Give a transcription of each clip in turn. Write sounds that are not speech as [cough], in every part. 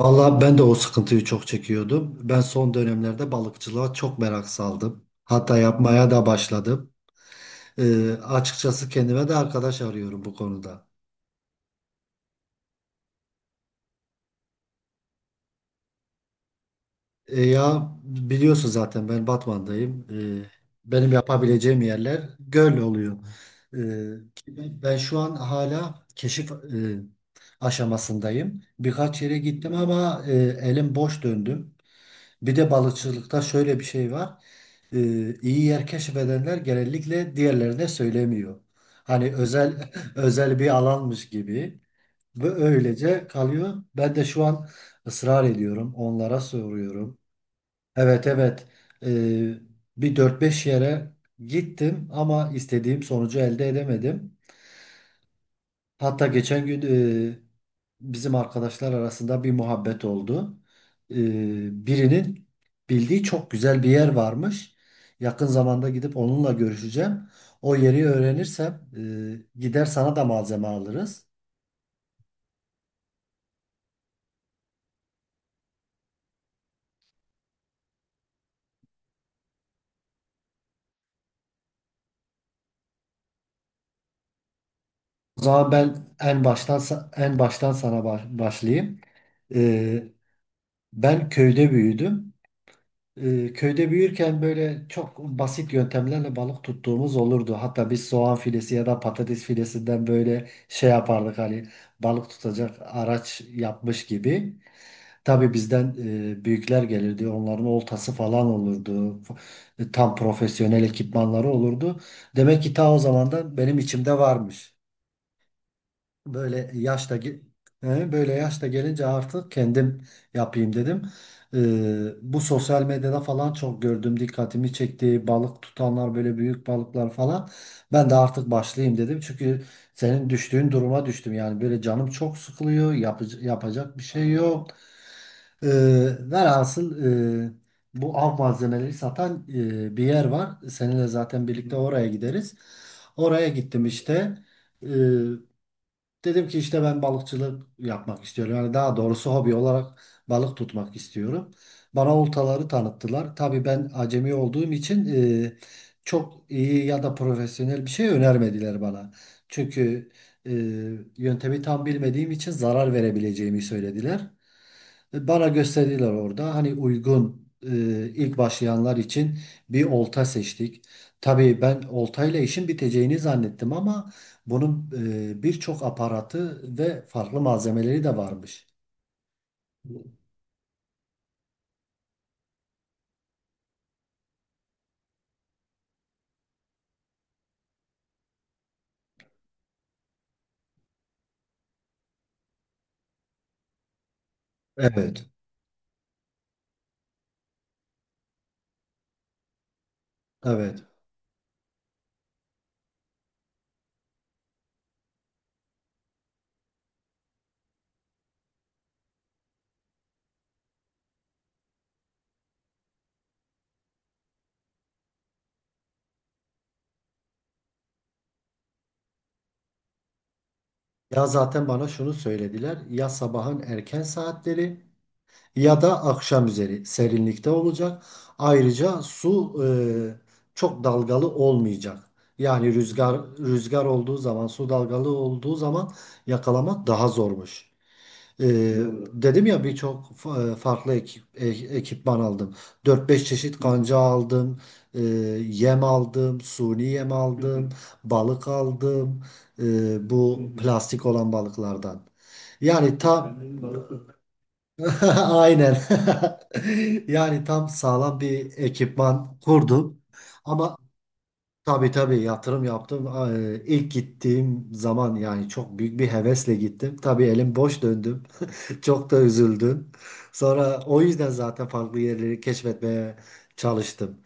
Vallahi ben de o sıkıntıyı çok çekiyordum. Ben son dönemlerde balıkçılığa çok merak saldım. Hatta yapmaya da başladım. Açıkçası kendime de arkadaş arıyorum bu konuda. Ya biliyorsun zaten ben Batman'dayım. Ee, Benim yapabileceğim yerler göl oluyor. Ee, Ki ben şu an hala keşif aşamasındayım. Birkaç yere gittim ama elim boş döndüm. Bir de balıkçılıkta şöyle bir şey var. İyi yer keşfedenler genellikle diğerlerine söylemiyor. Hani özel [laughs] özel bir alanmış gibi ve öylece kalıyor. Ben de şu an ısrar ediyorum, onlara soruyorum. Evet, evet, e, bir dört beş yere gittim ama istediğim sonucu elde edemedim. Hatta geçen gün e, bizim arkadaşlar arasında bir muhabbet oldu. E, Birinin bildiği çok güzel bir yer varmış. Yakın zamanda gidip onunla görüşeceğim. O yeri öğrenirsem gider sana da malzeme alırız. O zaman ben en baştan başlayayım. E, Ben köyde büyüdüm. Köyde büyürken böyle çok basit yöntemlerle balık tuttuğumuz olurdu. Hatta biz soğan filesi ya da patates filesinden böyle şey yapardık, hani balık tutacak araç yapmış gibi. Tabii bizden büyükler gelirdi. Onların oltası falan olurdu. Tam profesyonel ekipmanları olurdu. Demek ki ta o zamandan benim içimde varmış. Böyle yaşta ge- he, Böyle yaşta gelince artık kendim yapayım dedim. Bu sosyal medyada falan çok gördüm, dikkatimi çekti. Balık tutanlar böyle büyük balıklar falan. Ben de artık başlayayım dedim. Çünkü senin düştüğün duruma düştüm. Yani böyle canım çok sıkılıyor, yapacak bir şey yok. Ee, Velhasıl e, bu av malzemeleri satan bir yer var. Seninle zaten birlikte oraya gideriz. Oraya gittim işte. Ee, Dedim ki işte ben balıkçılık yapmak istiyorum. Yani daha doğrusu hobi olarak balık tutmak istiyorum. Bana oltaları tanıttılar. Tabii ben acemi olduğum için e, çok iyi ya da profesyonel bir şey önermediler bana. Çünkü e, yöntemi tam bilmediğim için zarar verebileceğimi söylediler. Bana gösterdiler orada. Hani uygun, ilk başlayanlar için bir olta seçtik. Tabii ben oltayla işin biteceğini zannettim ama bunun birçok aparatı ve farklı malzemeleri de varmış. Evet, evet. Ya zaten bana şunu söylediler. Ya sabahın erken saatleri ya da akşam üzeri serinlikte olacak. Ayrıca su çok dalgalı olmayacak. Yani rüzgar olduğu zaman, su dalgalı olduğu zaman yakalamak daha zormuş. Dedim ya, farklı ekipman aldım. Dört beş çeşit kanca aldım, e, yem aldım, suni yem aldım, balık aldım, e, bu plastik olan balıklardan. Yani ta [laughs] Aynen. [laughs] Yani tam sağlam bir ekipman kurdum. Ama tabii yatırım yaptım. İlk gittiğim zaman yani çok büyük bir hevesle gittim. Tabii elim boş döndüm. [laughs] Çok da üzüldüm. Sonra o yüzden zaten farklı yerleri keşfetmeye çalıştım.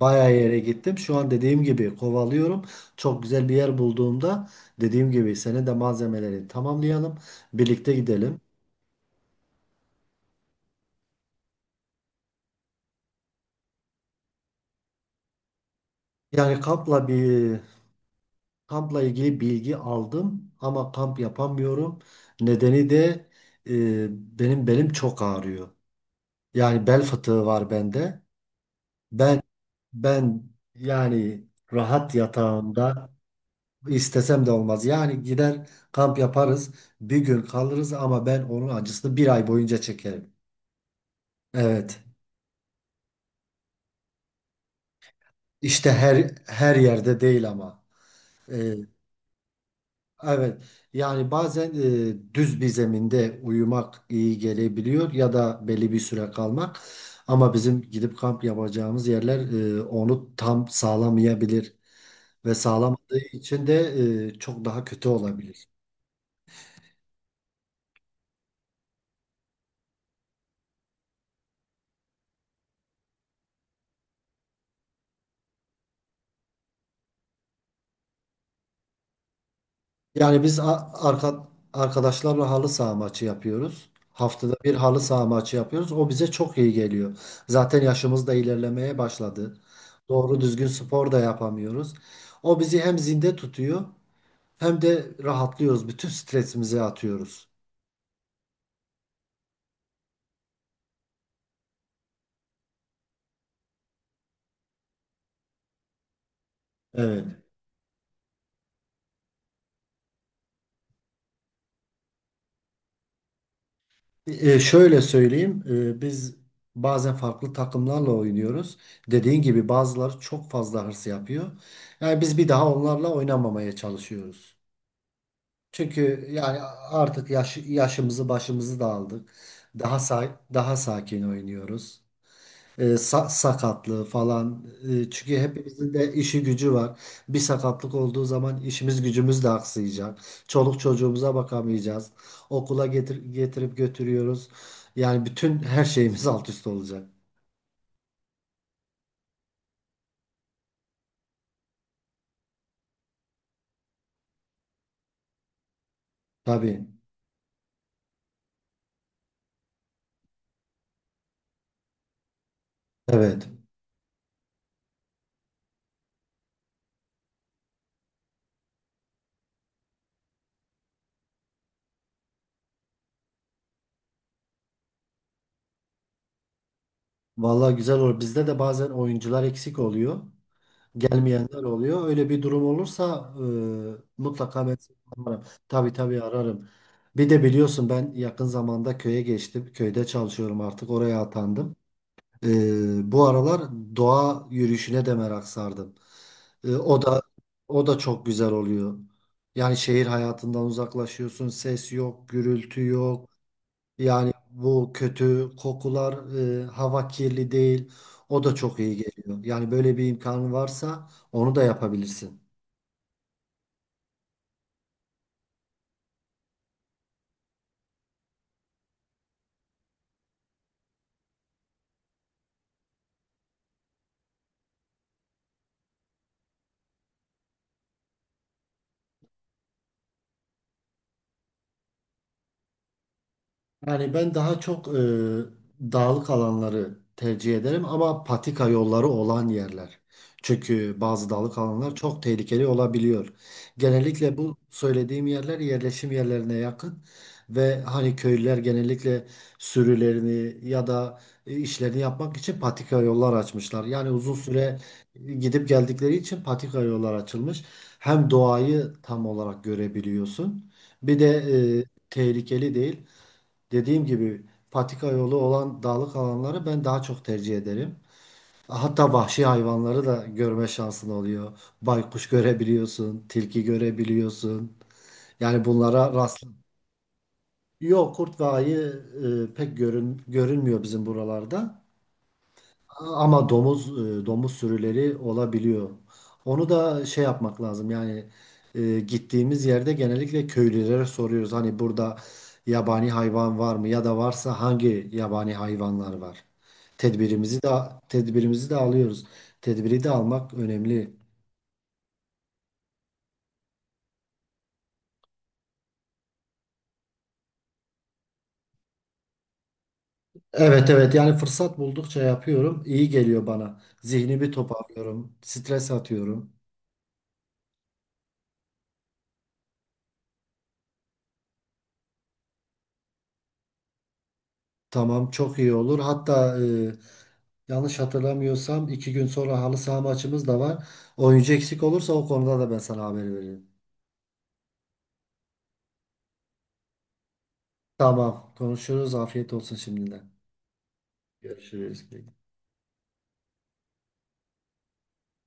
Bayağı yere gittim. Şu an dediğim gibi kovalıyorum. Çok güzel bir yer bulduğumda, dediğim gibi, senin de malzemeleri tamamlayalım. Birlikte gidelim. Yani kampla bir Kampla ilgili bilgi aldım ama kamp yapamıyorum. Nedeni de e, benim belim çok ağrıyor. Yani bel fıtığı var bende. Ben ben yani Rahat yatağımda istesem de olmaz. Yani gider kamp yaparız, bir gün kalırız ama ben onun acısını bir ay boyunca çekerim. Evet. İşte her yerde değil ama. E, Evet, yani bazen düz bir zeminde uyumak iyi gelebiliyor ya da belli bir süre kalmak. Ama bizim gidip kamp yapacağımız yerler onu tam sağlamayabilir ve sağlamadığı için de çok daha kötü olabilir. Yani biz arkadaşlarla halı saha maçı yapıyoruz. Haftada bir halı saha maçı yapıyoruz. O bize çok iyi geliyor. Zaten yaşımız da ilerlemeye başladı. Doğru düzgün spor da yapamıyoruz. O bizi hem zinde tutuyor. Hem de rahatlıyoruz. Bütün stresimizi atıyoruz. Evet. Şöyle söyleyeyim, biz bazen farklı takımlarla oynuyoruz. Dediğin gibi bazıları çok fazla hırs yapıyor. Yani biz bir daha onlarla oynamamaya çalışıyoruz. Çünkü yani artık yaşımızı başımızı da aldık. Daha sakin oynuyoruz. Sakatlığı falan. Çünkü hepimizin de işi gücü var. Bir sakatlık olduğu zaman işimiz gücümüz de aksayacak. Çoluk çocuğumuza bakamayacağız. Okula getir getirip götürüyoruz. Yani bütün her şeyimiz alt üst olacak. Tabii. Evet. Vallahi güzel olur. Bizde de bazen oyuncular eksik oluyor, gelmeyenler oluyor. Öyle bir durum olursa mutlaka ben seni ararım. Tabii ararım. Bir de biliyorsun ben yakın zamanda köye geçtim. Köyde çalışıyorum artık. Oraya atandım. Bu aralar doğa yürüyüşüne de merak sardım. E, o da O da çok güzel oluyor. Yani şehir hayatından uzaklaşıyorsun. Ses yok, gürültü yok. Yani bu kötü kokular, hava kirli değil. O da çok iyi geliyor. Yani böyle bir imkanı varsa onu da yapabilirsin. Yani ben daha çok dağlık alanları tercih ederim ama patika yolları olan yerler. Çünkü bazı dağlık alanlar çok tehlikeli olabiliyor. Genellikle bu söylediğim yerler yerleşim yerlerine yakın ve hani köylüler genellikle sürülerini ya da işlerini yapmak için patika yollar açmışlar. Yani uzun süre gidip geldikleri için patika yollar açılmış. Hem doğayı tam olarak görebiliyorsun. Bir de e, tehlikeli değil. Dediğim gibi patika yolu olan dağlık alanları ben daha çok tercih ederim. Hatta vahşi hayvanları da görme şansın oluyor. Baykuş görebiliyorsun, tilki görebiliyorsun. Yani bunlara rast. Yok, kurt ve ayı görünmüyor bizim buralarda. Ama domuz, domuz sürüleri olabiliyor. Onu da şey yapmak lazım. Yani gittiğimiz yerde genellikle köylülere soruyoruz. Hani burada yabani hayvan var mı ya da varsa hangi yabani hayvanlar var? Tedbirimizi de Tedbirimizi de alıyoruz. Tedbiri de almak önemli. Evet, evet, yani fırsat buldukça yapıyorum. İyi geliyor bana. Zihnimi toparlıyorum. Stres atıyorum. Tamam, çok iyi olur. Hatta yanlış hatırlamıyorsam iki gün sonra halı saha maçımız da var. Oyuncu eksik olursa o konuda da ben sana haber veririm. Tamam, konuşuruz. Afiyet olsun şimdiden. Görüşürüz.